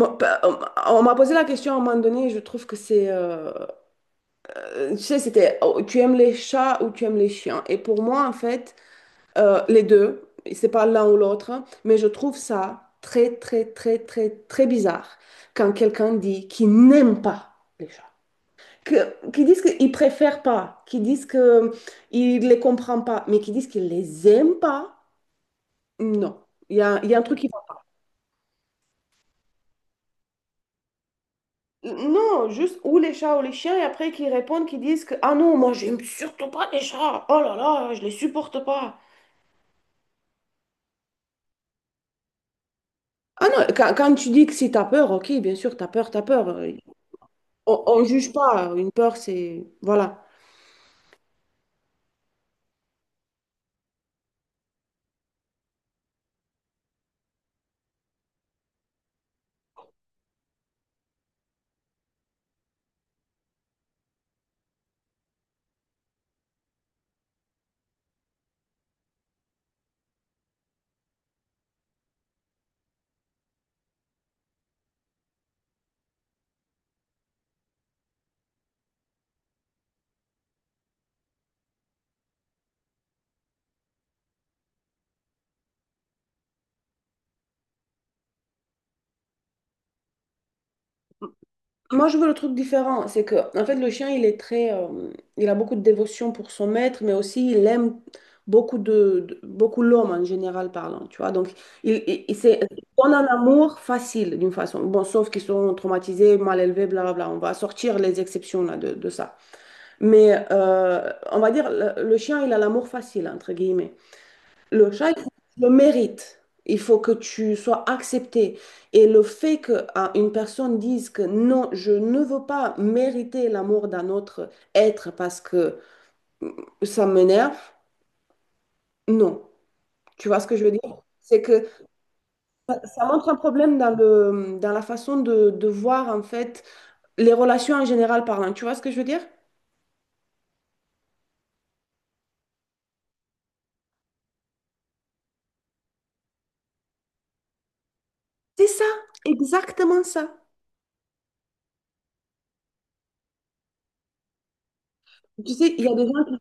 Moi, on m'a posé la question à un moment donné, et je trouve que c'est, tu sais, c'était, oh, tu aimes les chats ou tu aimes les chiens? Et pour moi, en fait, les deux, c'est pas l'un ou l'autre, hein, mais je trouve ça très, très, très, très, très bizarre quand quelqu'un dit qu'il n'aime pas les chats, qu'ils disent qu'ils préfèrent pas, qu'ils disent qu'ils ne les comprend pas, mais qu'ils disent qu'ils les aiment pas, non. Il y a un truc. Non, juste ou les chats ou les chiens, et après qui répondent, qui disent que ah non, moi j'aime surtout pas les chats, oh là là, je les supporte pas. Ah non, quand tu dis que si t'as peur, ok, bien sûr, t'as peur, t'as peur. On juge pas, une peur, c'est. Voilà. Moi, je veux le truc différent. C'est que, en fait, le chien, il est très, il a beaucoup de dévotion pour son maître, mais aussi il aime beaucoup beaucoup l'homme en général parlant. Tu vois, donc il, il, il c'est- on a un amour facile d'une façon. Bon, sauf qu'ils sont traumatisés, mal élevés, blablabla. On va sortir les exceptions là de ça. Mais on va dire le chien, il a l'amour facile entre guillemets. Le chat, il faut que tu le mérites. Il faut que tu sois accepté. Et le fait qu'une personne dise que non, je ne veux pas mériter l'amour d'un autre être parce que mm, ça m'énerve, non. Tu vois ce que je veux dire? C'est que ça montre un problème dans le, dans la façon de voir en fait les relations en général parlant. Tu vois ce que je veux dire? C'est ça, exactement ça. Tu sais, il y a des gens.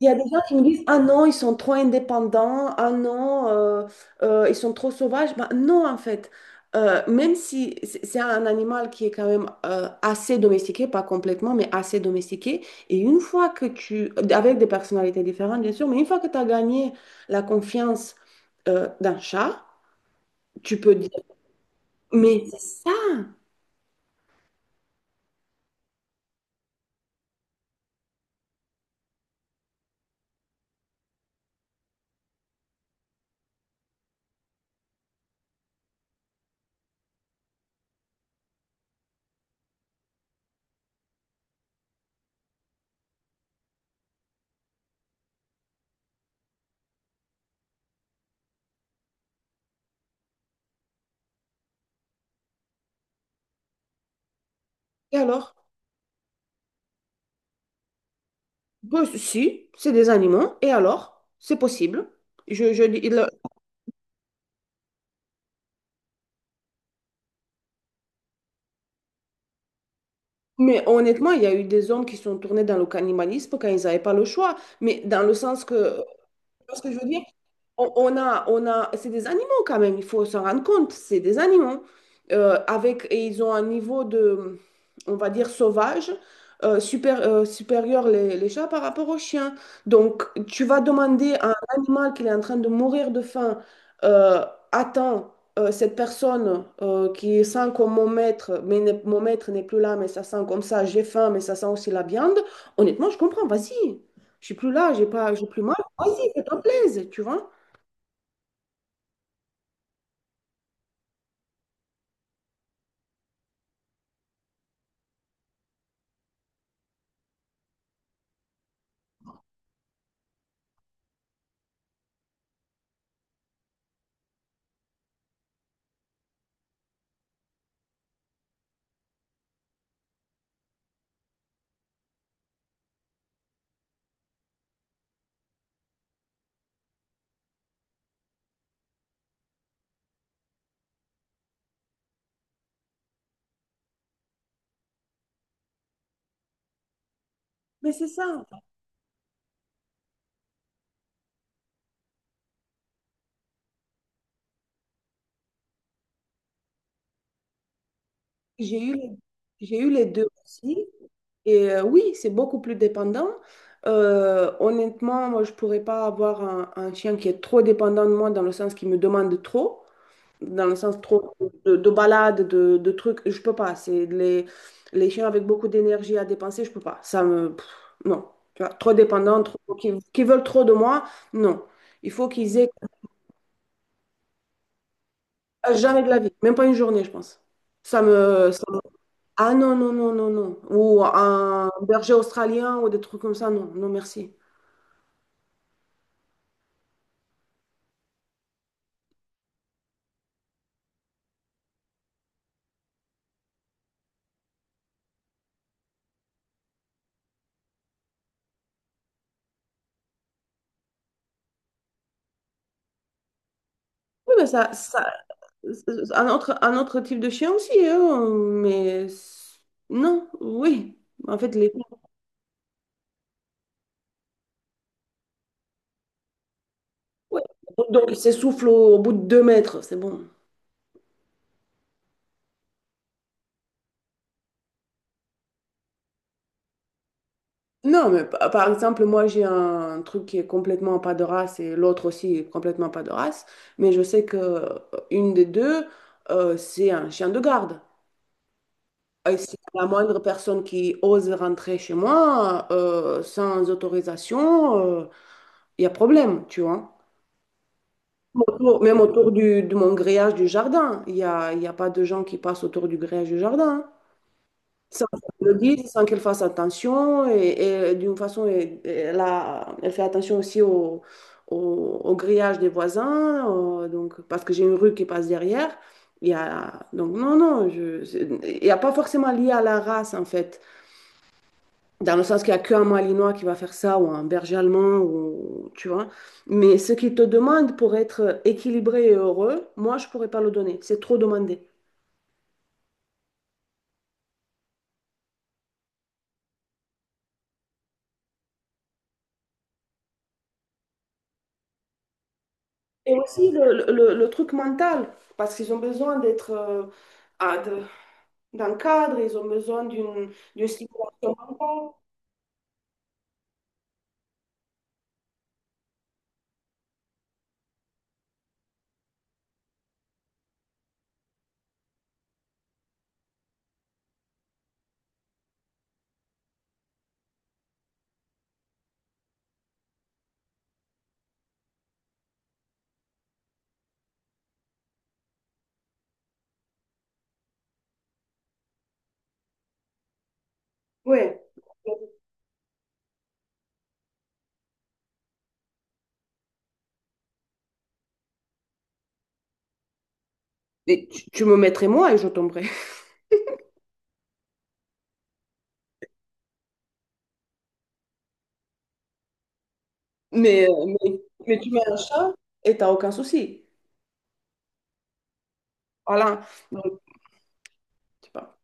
Il y a des gens qui me disent, ah non, ils sont trop indépendants, ah non, ils sont trop sauvages. Bah non, en fait, même si c'est un animal qui est quand même assez domestiqué, pas complètement, mais assez domestiqué, et une fois que avec des personnalités différentes, bien sûr, mais une fois que tu as gagné la confiance d'un chat, tu peux dire, mais c'est ça, et alors? Ben, si, c'est des animaux, et alors? C'est possible. Je, je, dis- le- Mais honnêtement, il y a eu des hommes qui sont tournés dans le cannibalisme quand ils n'avaient pas le choix. Mais dans le sens que, tu vois ce que je veux dire, c'est des animaux quand même, il faut s'en rendre compte, c'est des animaux. Et ils ont un niveau de, on va dire, sauvage, supérieur les chats par rapport aux chiens. Donc, tu vas demander à un animal qui est en train de mourir de faim, euh, attends, cette personne qui sent comme mon maître, mais mon maître n'est plus là, mais ça sent comme ça, j'ai faim, mais ça sent aussi la viande. Honnêtement, je comprends, vas-y, je suis plus là, j'ai pas, j'ai plus mal. Vas-y, ça te plaise, tu vois. Mais c'est ça. J'ai eu, les- j'ai eu les deux aussi. Et oui, c'est beaucoup plus dépendant. Honnêtement, moi, je ne pourrais pas avoir un chien qui est trop dépendant de moi dans le sens qu'il me demande trop, dans le sens trop de balades, de trucs. Je peux pas. C'est les chiens avec beaucoup d'énergie à dépenser, je peux pas. Ça me. Pff, non. Tu vois, trop dépendant, trop, qui veulent trop de moi, non. Il faut qu'ils aient jamais de la vie, même pas une journée, je pense. Ça me. Ah non, non, non, non, non. Ou un berger australien ou des trucs comme ça, non, non, merci. Oui, mais ça, c'est un autre type de chien aussi, hein, mais non, oui. En fait, les. Ouais. Donc, il s'essouffle au bout de deux mètres, c'est bon. Non, mais par exemple, moi, j'ai un truc qui est complètement pas de race et l'autre aussi est complètement pas de race, mais je sais que une des deux, c'est un chien de garde. Et si la moindre personne qui ose rentrer chez moi sans autorisation, il y a problème, tu vois. Même autour du, de mon grillage du jardin, il y a pas de gens qui passent autour du grillage du jardin, hein, sans qu'elle le dise, sans qu'elle fasse attention. Et d'une façon, elle fait attention aussi au, au grillage des voisins, donc, parce que j'ai une rue qui passe derrière. Il y a, donc non, non, il n'y a pas forcément lié à la race, en fait. Dans le sens qu'il n'y a qu'un Malinois qui va faire ça, ou un berger allemand, ou, tu vois. Mais ce qu'ils te demandent pour être équilibré et heureux, moi, je ne pourrais pas le donner. C'est trop demandé. Et aussi le truc mental, parce qu'ils ont besoin d'être ah, de- d'un cadre, ils ont besoin d'une stimulation mentale. Ouais. Mais tu me mettrais moi et je tomberais. Mais, mais tu mets un chat et t'as aucun souci. Voilà. Donc, je sais pas.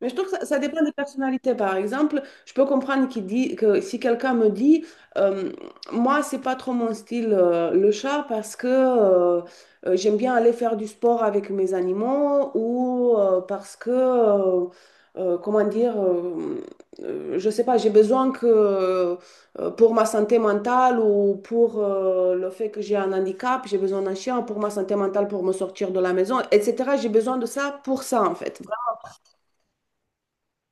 Mais je trouve que ça dépend des personnalités. Par exemple, je peux comprendre qu'il dit que si quelqu'un me dit, euh, moi, c'est pas trop mon style, le chat, parce que j'aime bien aller faire du sport avec mes animaux ou parce que, comment dire, je sais pas, j'ai besoin que pour ma santé mentale ou pour le fait que j'ai un handicap, j'ai besoin d'un chien pour ma santé mentale, pour me sortir de la maison, etc. J'ai besoin de ça pour ça, en fait.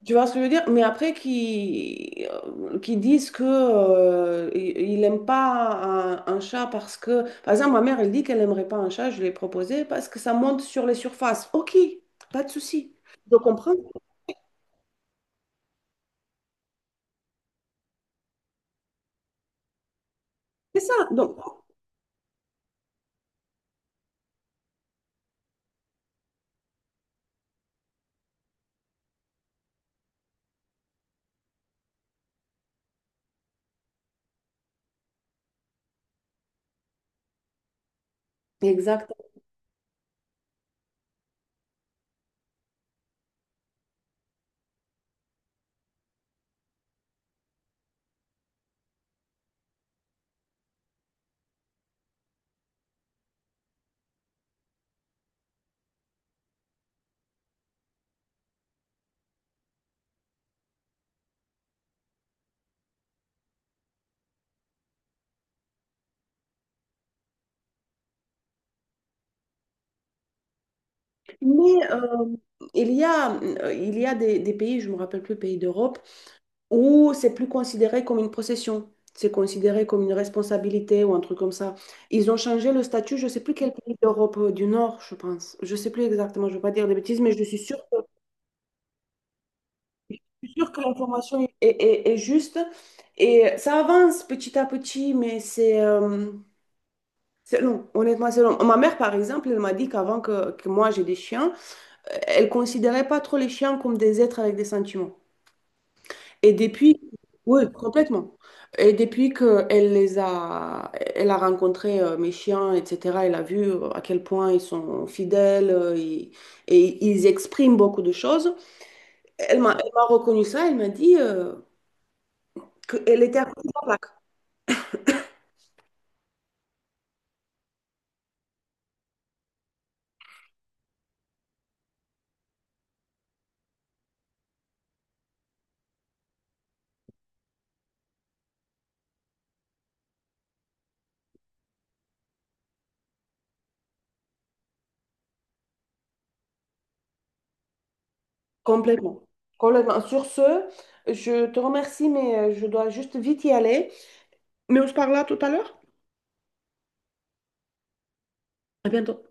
Tu vois ce que je veux dire? Mais après, qui disent que il n'aime pas un chat parce que. Par exemple, ma mère, elle dit qu'elle n'aimerait pas un chat, je l'ai proposé, parce que ça monte sur les surfaces. OK, pas de souci. Je comprends. C'est ça. Donc, exact. Mais il y a des pays, je me rappelle plus, pays d'Europe. Ou c'est plus considéré comme une procession, c'est considéré comme une responsabilité ou un truc comme ça. Ils ont changé le statut, je ne sais plus quel pays d'Europe du Nord, je pense. Je ne sais plus exactement, je ne veux pas dire des bêtises, mais je suis sûre que l'information est juste. Et ça avance petit à petit, mais c'est long, honnêtement, c'est long. Ma mère, par exemple, elle m'a dit qu'avant que moi j'ai des chiens, elle ne considérait pas trop les chiens comme des êtres avec des sentiments. Et depuis, oui, complètement. Et depuis qu'elle les a, elle a rencontré mes chiens, etc., elle a vu à quel point ils sont fidèles et, ils expriment beaucoup de choses. Elle m'a reconnu ça, elle m'a dit qu'elle était à côté de la plaque, complètement. Complètement. Sur ce, je te remercie, mais je dois juste vite y aller. Mais on se parle là tout à l'heure. À bientôt.